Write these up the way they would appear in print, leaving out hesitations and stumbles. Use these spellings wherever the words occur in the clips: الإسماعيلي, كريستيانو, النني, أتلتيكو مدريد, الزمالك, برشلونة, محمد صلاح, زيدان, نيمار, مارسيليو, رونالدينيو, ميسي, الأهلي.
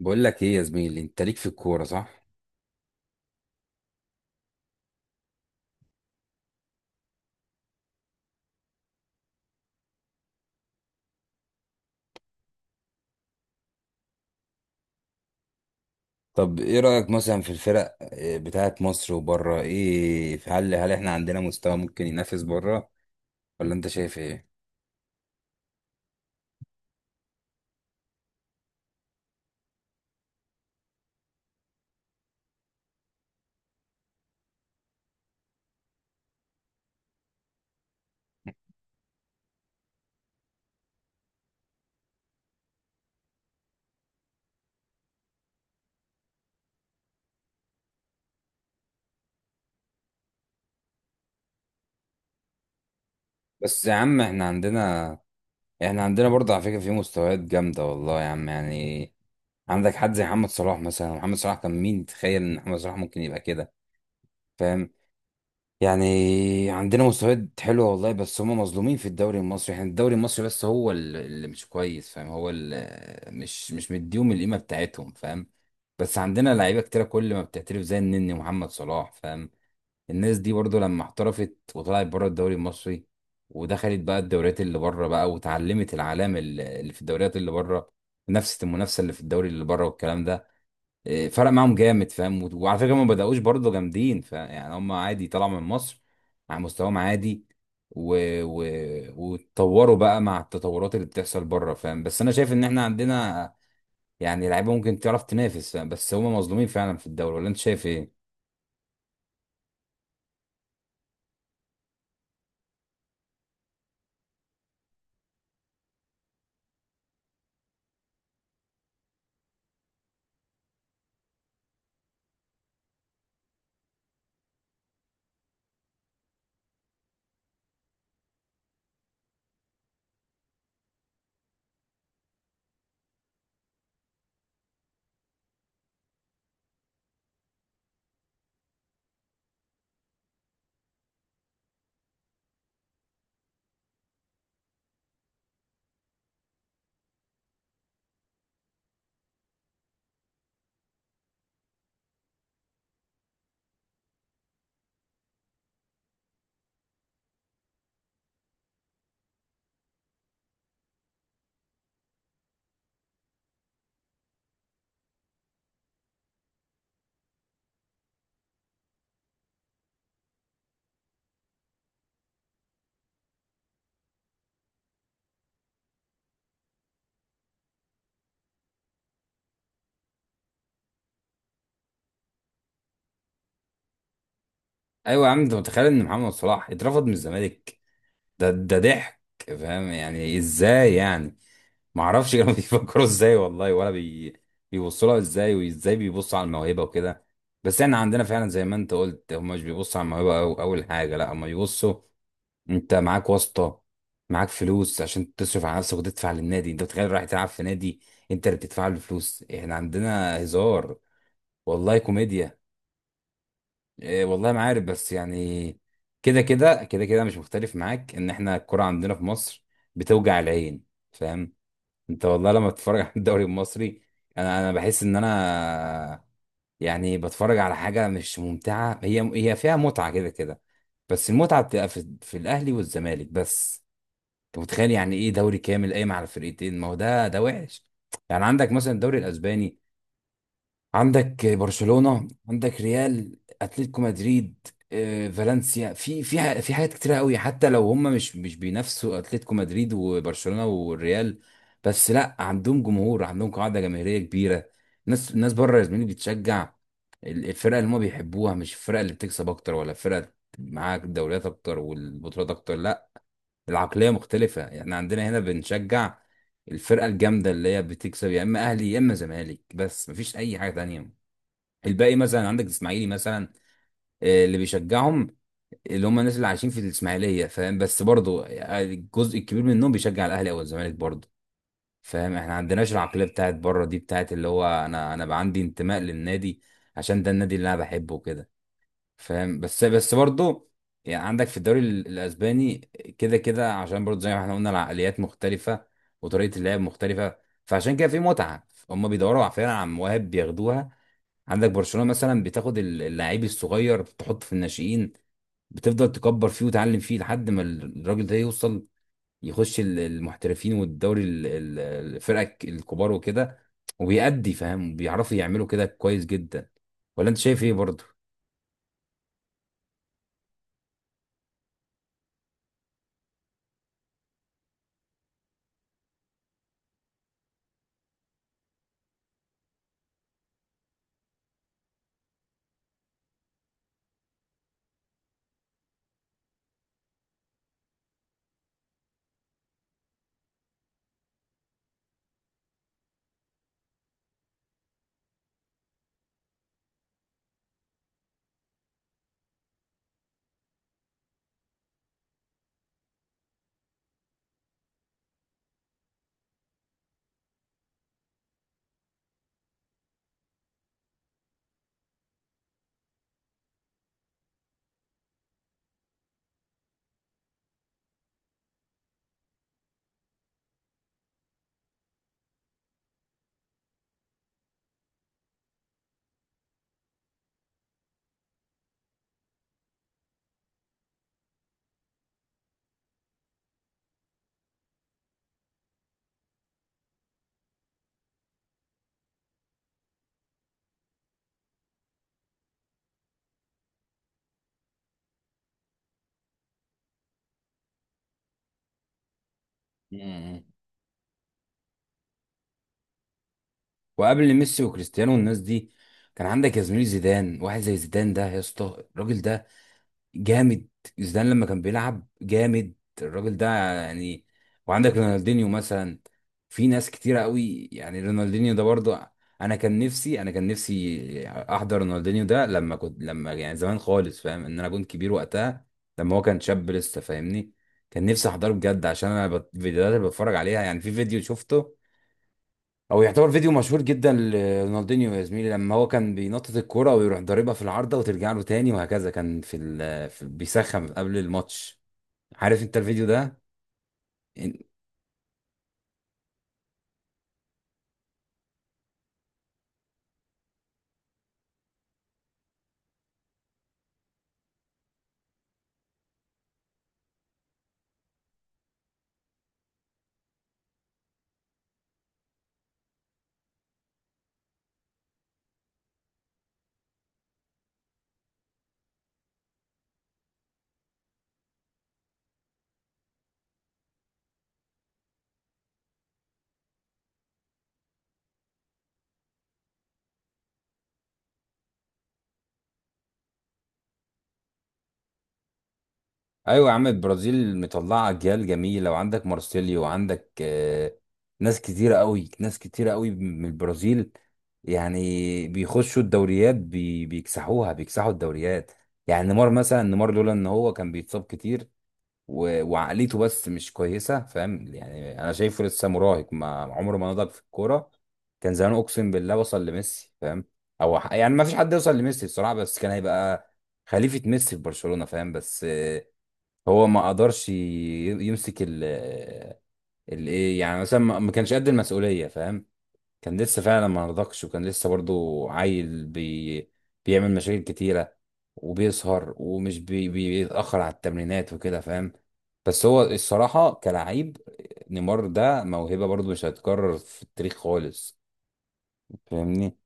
بقول لك ايه يا زميلي، انت ليك في الكوره صح؟ طب ايه رايك مثلا في الفرق بتاعه مصر وبره؟ ايه، هل احنا عندنا مستوى ممكن ينافس بره، ولا انت شايف ايه؟ بس يا عم احنا عندنا، احنا عندنا برضه على فكره في مستويات جامده والله يا عم. يعني عندك حد زي محمد صلاح مثلا، محمد صلاح كان مين؟ تخيل ان محمد صلاح ممكن يبقى كده، فاهم يعني. عندنا مستويات حلوه والله، بس هم مظلومين في الدوري المصري، يعني الدوري المصري بس هو اللي مش كويس، فاهم؟ هو اللي مش مديهم القيمه بتاعتهم، فاهم؟ بس عندنا لعيبه كتيره كل ما بتعترف زي النني محمد صلاح، فاهم؟ الناس دي برضو لما احترفت وطلعت بره الدوري المصري، ودخلت بقى الدوريات اللي بره بقى، وتعلمت العلام اللي في الدوريات اللي بره، نفس المنافسه اللي في الدوري اللي بره والكلام ده، فرق معاهم جامد، فاهم؟ وعلى فكره هم ما بداوش برضه جامدين، فيعني هم عادي طلعوا من مصر على مستواهم عادي، و... و... واتطوروا بقى مع التطورات اللي بتحصل بره، فاهم؟ بس انا شايف ان احنا عندنا يعني لعيبه ممكن تعرف تنافس، فاهم؟ بس هم مظلومين فعلا في الدوري، ولا انت شايف ايه؟ ايوه يا عم، انت متخيل ان محمد صلاح اترفض من الزمالك؟ ده ضحك، فاهم يعني؟ ازاي يعني؟ ما اعرفش كانوا بيفكروا ازاي والله، بيبصوا لها ازاي، وازاي بيبصوا على الموهبه وكده. بس احنا عندنا فعلا زي ما انت قلت، هم مش بيبصوا على الموهبه أو اول حاجه، لا هم بيبصوا انت معاك واسطه، معاك فلوس عشان تصرف على نفسك وتدفع للنادي. انت متخيل رايح تلعب في نادي انت اللي بتدفع له فلوس؟ احنا عندنا هزار، والله كوميديا. إيه والله ما عارف، بس يعني كده مش مختلف معاك ان احنا الكرة عندنا في مصر بتوجع العين، فاهم؟ انت والله لما بتتفرج على الدوري المصري، انا بحس ان انا يعني بتفرج على حاجه مش ممتعه، هي فيها متعه كده كده، بس المتعه بتبقى في الاهلي والزمالك بس. انت متخيل يعني ايه دوري كامل قايم على فرقتين؟ ما هو ده وحش. يعني عندك مثلا الدوري الاسباني، عندك برشلونة، عندك ريال، اتلتيكو مدريد، فالنسيا، في حاجات كتيرة قوي، حتى لو هم مش بينافسوا اتلتيكو مدريد وبرشلونة والريال، بس لا، عندهم جمهور، عندهم قاعدة جماهيرية كبيرة. الناس بره يا زميلي بتشجع الفرقة اللي هم بيحبوها، مش الفرقة اللي بتكسب اكتر، ولا الفرقة معاك الدوريات اكتر والبطولات اكتر، لا. العقلية مختلفة. احنا عندنا هنا بنشجع الفرقة الجامدة اللي هي بتكسب، يا اما اهلي يا اما زمالك، بس مفيش اي حاجة تانية. الباقي مثلا عندك الاسماعيلي مثلا، اللي بيشجعهم اللي هم الناس اللي عايشين في الاسماعيليه، فاهم؟ بس برضه الجزء الكبير منهم بيشجع الاهلي او الزمالك برضه، فاهم؟ احنا ما عندناش العقليه بتاعت بره دي، بتاعت اللي هو انا، بقى عندي انتماء للنادي عشان ده النادي اللي انا بحبه وكده، فاهم؟ بس برضه يعني عندك في الدوري الاسباني كده كده، عشان برضه زي ما احنا قلنا العقليات مختلفه وطريقه اللعب مختلفه، فعشان كده في متعه. هم بيدوروا فعلا على مواهب بياخدوها. عندك برشلونة مثلا بتاخد اللعيب الصغير تحطه في الناشئين، بتفضل تكبر فيه وتعلم فيه لحد ما الراجل ده يوصل يخش المحترفين والدوري الفرق الكبار وكده وبيأدي، فاهم؟ بيعرفوا يعملوا كده كويس جدا، ولا انت شايف ايه برضه؟ مم. وقبل ميسي وكريستيانو والناس دي، كان عندك يا زميلي زيدان. واحد زي زيدان ده يا اسطى، الراجل ده جامد. زيدان لما كان بيلعب جامد الراجل ده يعني. وعندك رونالدينيو مثلا، في ناس كتيرة قوي يعني، رونالدينيو ده برضه. انا كان نفسي احضر رونالدينيو ده، لما كنت لما يعني زمان خالص، فاهم ان انا كنت كبير وقتها لما هو كان شاب لسه، فاهمني؟ كان نفسي احضره بجد، عشان انا الفيديوهات اللي بتفرج عليها، يعني في فيديو شفته او يعتبر فيديو مشهور جدا لرونالدينيو يا زميلي، لما هو كان بينطط الكوره ويروح ضاربها في العارضه وترجع له تاني وهكذا، كان في بيسخن قبل الماتش. عارف انت الفيديو ده؟ إن- ايوه يا عم، البرازيل مطلعه اجيال جميله، وعندك مارسيليو، وعندك ناس كتيره قوي، ناس كتيره قوي من البرازيل. يعني بيخشوا الدوريات بيكسحوها، بيكسحوا الدوريات. يعني نيمار مثلا، نيمار لولا ان هو كان بيتصاب كتير وعقليته بس مش كويسه، فاهم يعني؟ انا شايفه لسه مراهق، ما عمره ما نضج في الكوره، كان زمان اقسم بالله وصل لميسي، فاهم؟ او يعني ما فيش حد يوصل لميسي بصراحه، بس كان هيبقى خليفه ميسي في برشلونه، فاهم؟ بس هو ما قدرش يمسك ال الايه، يعني مثلا ما كانش قد المسؤوليه، فاهم؟ كان لسه فعلا ما نضجش، وكان لسه برضو عيل بيعمل مشاكل كتيرة، وبيسهر ومش بيتأخر على التمرينات وكده، فاهم؟ بس هو الصراحة كلاعب، نيمار ده موهبة برضو مش هتتكرر في التاريخ خالص، فاهمني؟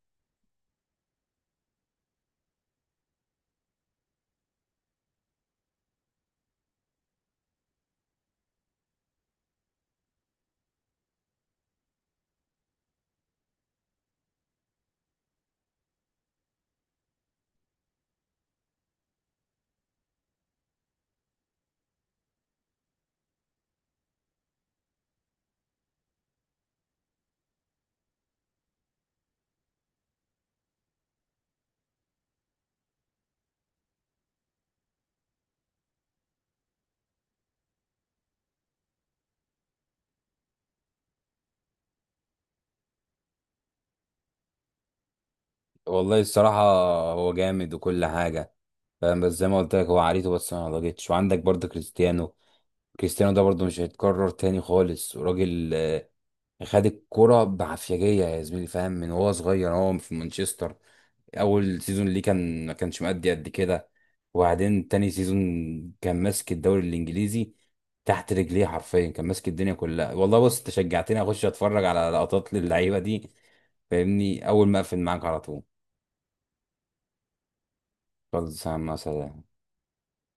والله الصراحة هو جامد وكل حاجة، فاهم؟ بس زي ما قلت لك هو عريته بس ما نضجتش. وعندك برضو كريستيانو. كريستيانو ده برضو مش هيتكرر تاني خالص. وراجل خد الكرة بعفيجية يا زميلي، فاهم؟ من وهو صغير هو في مانشستر، أول سيزون ليه كان ما كانش مأدي قد كده، وبعدين تاني سيزون كان ماسك الدوري الإنجليزي تحت رجليه حرفيا، كان ماسك الدنيا كلها والله. بص، أنت شجعتني أخش أتفرج على لقطات للعيبة دي، فاهمني؟ أول ما أقفل معاك على طول. خلاص يا عم، سلام.